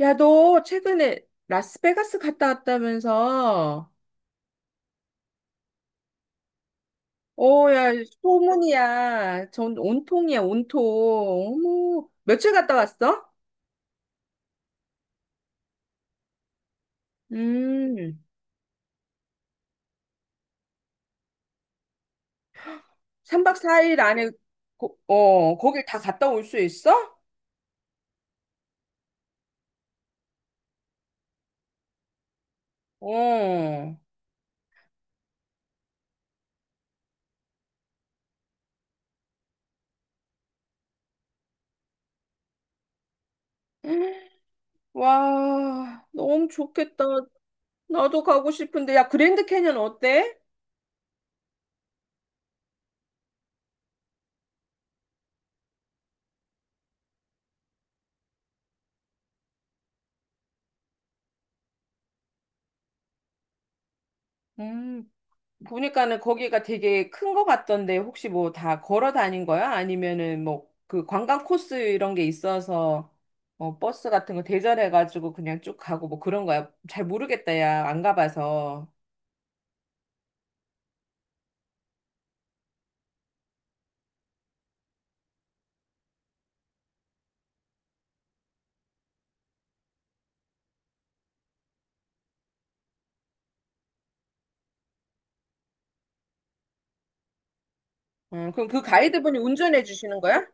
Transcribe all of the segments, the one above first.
야, 너 최근에 라스베가스 갔다 왔다면서? 어, 야, 소문이야. 전 온통이야, 온통. 어머, 며칠 갔다 왔어? 음, 3박 4일 안에, 거길 다 갔다 올 수 있어? 어. 와, 너무 좋겠다. 나도 가고 싶은데. 야, 그랜드 캐년 어때? 음. 보니까는 거기가 되게 큰 거 같던데 혹시 뭐 다 걸어 다닌 거야? 아니면은 뭐 그 관광 코스 이런 게 있어서 어, 버스 같은 거 대절해가지고 그냥 쭉 가고 뭐 그런 거야? 잘 모르겠다, 야. 안 가봐서. 그럼 그 가이드분이 운전해 주시는 거야?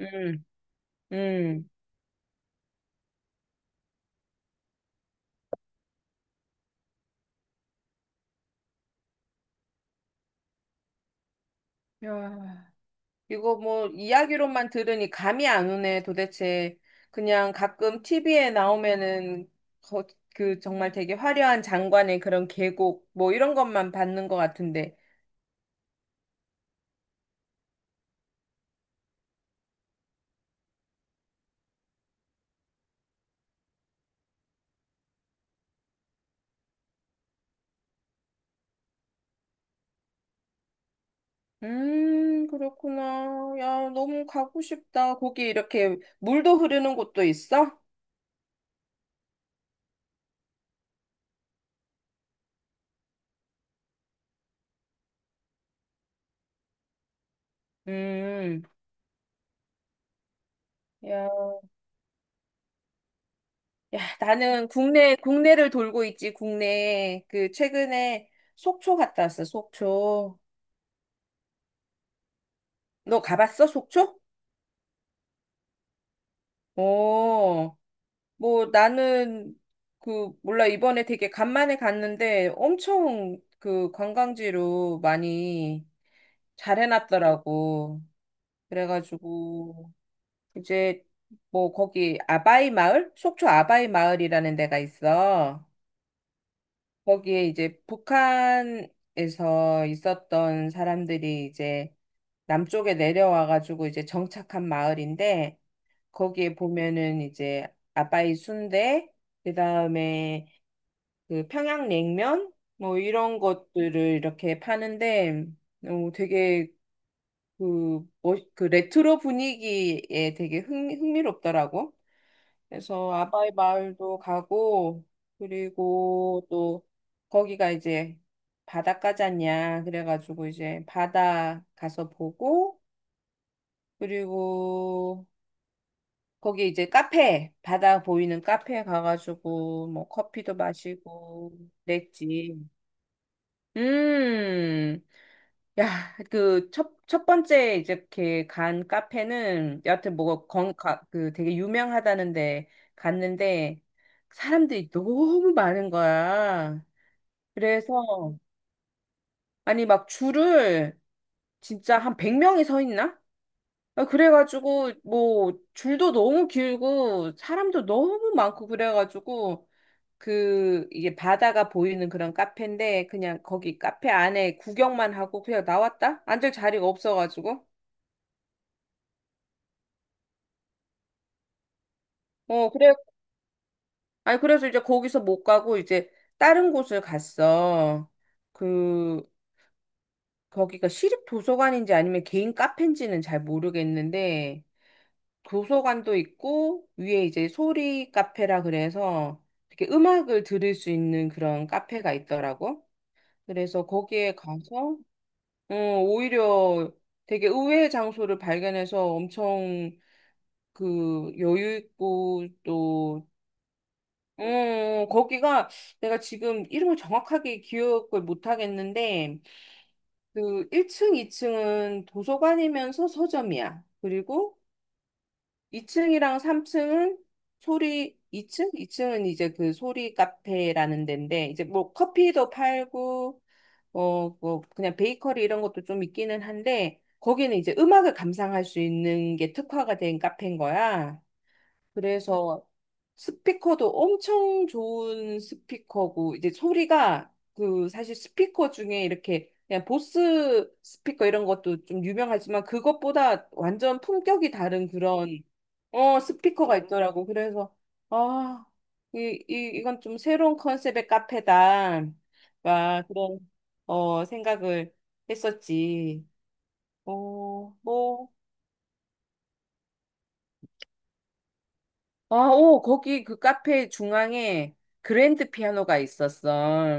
음, 음. 야. 이거 뭐 이야기로만 들으니 감이 안 오네, 도대체. 그냥 가끔 티비에 나오면은 거, 그 정말 되게 화려한 장관의 그런 계곡 뭐 이런 것만 받는 것 같은데. 그렇구나. 야, 너무 가고 싶다. 거기 이렇게 물도 흐르는 곳도 있어? 음. 야, 야, 나는 국내를 돌고 있지. 국내 그 최근에 속초 갔다 왔어. 속초. 너 가봤어? 속초? 오. 뭐 나는 그 몰라 이번에 되게 간만에 갔는데 엄청 그 관광지로 많이 잘 해놨더라고. 그래가지고 이제 뭐 거기 아바이 마을? 속초 아바이 마을이라는 데가 있어. 거기에 이제 북한에서 있었던 사람들이 이제 남쪽에 내려와가지고 이제 정착한 마을인데 거기에 보면은 이제 아바이 순대 그다음에 그 평양냉면 뭐 이런 것들을 이렇게 파는데 어, 되게 그, 뭐, 그 레트로 분위기에 되게 흥미롭더라고. 그래서 아바이 마을도 가고 그리고 또 거기가 이제 바닷가잖냐 그래가지고 이제 바다 가서 보고 그리고 거기 이제 카페 바다 보이는 카페 가가지고 뭐 커피도 마시고 그랬지. 음. 야, 그, 첫 번째, 이제, 이렇게 간 카페는, 여하튼, 뭐, 건, 가, 그, 되게 유명하다는데, 갔는데, 사람들이 너무 많은 거야. 그래서, 아니, 막, 줄을, 진짜 한 100명이 서 있나? 아, 그래가지고, 뭐, 줄도 너무 길고, 사람도 너무 많고, 그래가지고, 그 이게 바다가 보이는 그런 카페인데 그냥 거기 카페 안에 구경만 하고 그냥 나왔다? 앉을 자리가 없어가지고. 어, 그래. 아니, 그래서 이제 거기서 못 가고 이제 다른 곳을 갔어. 그 거기가 시립 도서관인지 아니면 개인 카페인지는 잘 모르겠는데 도서관도 있고 위에 이제 소리 카페라 그래서 이렇게 음악을 들을 수 있는 그런 카페가 있더라고. 그래서 거기에 가서 어, 오히려 되게 의외의 장소를 발견해서 엄청 그 여유 있고 또, 어, 거기가 내가 지금 이름을 정확하게 기억을 못 하겠는데 그 1층, 2층은 도서관이면서 서점이야. 그리고 2층이랑 3층은 소리 이층은 이제 그 소리 카페라는 데인데 이제 뭐 커피도 팔고 어, 뭐, 그냥 베이커리 이런 것도 좀 있기는 한데, 거기는 이제 음악을 감상할 수 있는 게 특화가 된 카페인 거야. 그래서 스피커도 엄청 좋은 스피커고 이제 소리가 그 사실 스피커 중에 이렇게 그냥 보스 스피커 이런 것도 좀 유명하지만 그것보다 완전 품격이 다른 그런 어 스피커가 있더라고. 그래서 아, 이, 이 이건 좀 새로운 컨셉의 카페다. 막 그런 어 생각을 했었지. 어, 뭐 아, 오, 거기 그 카페 중앙에 그랜드 피아노가 있었어.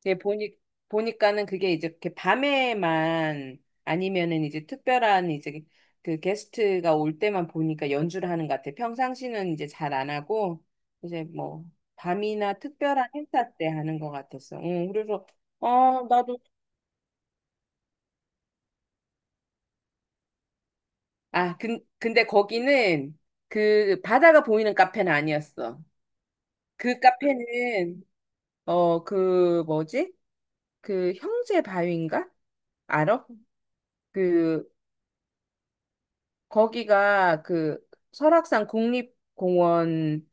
이제 보니까는 그게 이제 이렇게 밤에만 아니면은 이제 특별한 이제 그 게스트가 올 때만 보니까 연주를 하는 것 같아. 평상시는 이제 잘 안 하고 이제 뭐 밤이나 특별한 행사 때 하는 것 같았어. 응, 그래서, 아, 나도. 아, 근데 거기는 그 바다가 보이는 카페는 아니었어. 그 카페는 어, 그, 뭐지? 그 형제 바위인가? 알아? 그 거기가 그 설악산 국립공원의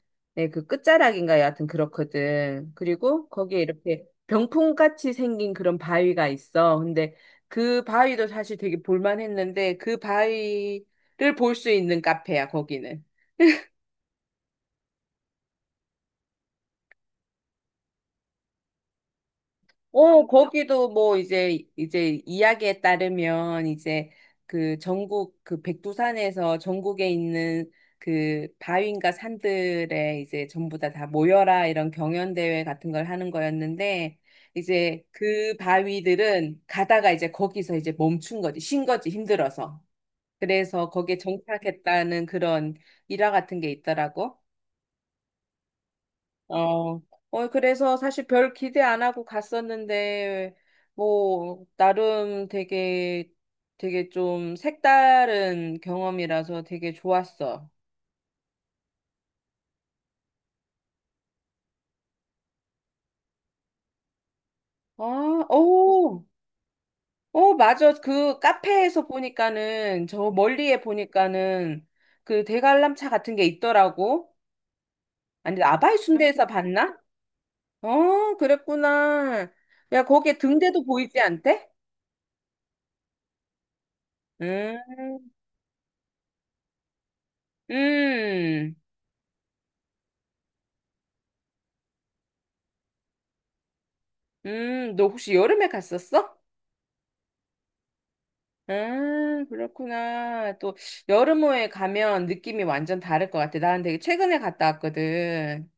그 끝자락인가 여하튼 그렇거든. 그리고 거기에 이렇게 병풍같이 생긴 그런 바위가 있어. 근데 그 바위도 사실 되게 볼만했는데 그 바위를 볼 수 있는 카페야, 거기는. 어, 거기도 뭐 이제 이야기에 따르면 이제 그 전국 그 백두산에서 전국에 있는 그 바위인가 산들에 이제 전부 다 모여라 이런 경연 대회 같은 걸 하는 거였는데 이제 그 바위들은 가다가 이제 거기서 이제 멈춘 거지, 쉰 거지 힘들어서. 그래서 거기에 정착했다는 그런 일화 같은 게 있더라고. 어, 어, 그래서 사실 별 기대 안 하고 갔었는데, 뭐, 나름 되게, 되게 좀 색다른 경험이라서 되게 좋았어. 아, 오, 오, 맞아. 그 카페에서 보니까는, 저 멀리에 보니까는 그 대관람차 같은 게 있더라고. 아니, 아바이 순대에서 봤나? 어, 그랬구나. 야, 거기에 등대도 보이지 않대? 음, 음. 너 혹시 여름에 갔었어? 그렇구나. 또 여름호에 가면 느낌이 완전 다를 것 같아. 나는 되게 최근에 갔다 왔거든.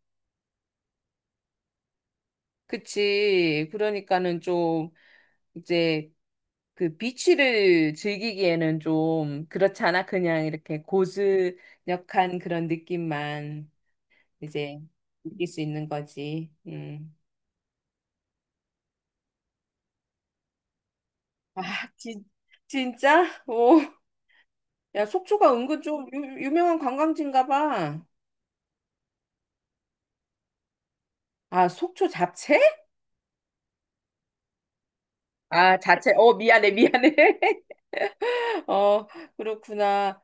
그치. 그러니까는 좀 이제 그 비치를 즐기기에는 좀 그렇잖아. 그냥 이렇게 고즈넉한 그런 느낌만 이제 느낄 수 있는 거지. 음. 아, 진, 진짜? 오. 야, 속초가 은근 좀 유명한 관광지인가 봐. 아, 속초 잡채? 아, 자체, 어, 미안해, 미안해. 어, 그렇구나.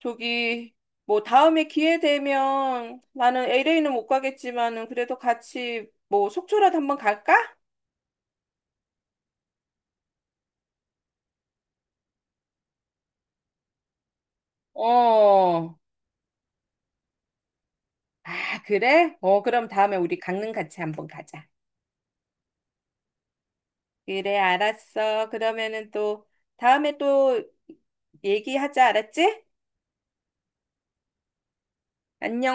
저기, 뭐, 다음에 기회 되면 나는 LA는 못 가겠지만은 그래도 같이 뭐, 속초라도 한번 갈까? 어, 아, 그래? 어, 그럼 다음에 우리 강릉 같이 한번 가자. 그래, 알았어. 그러면은 또, 다음에 또 얘기하자, 알았지? 안녕.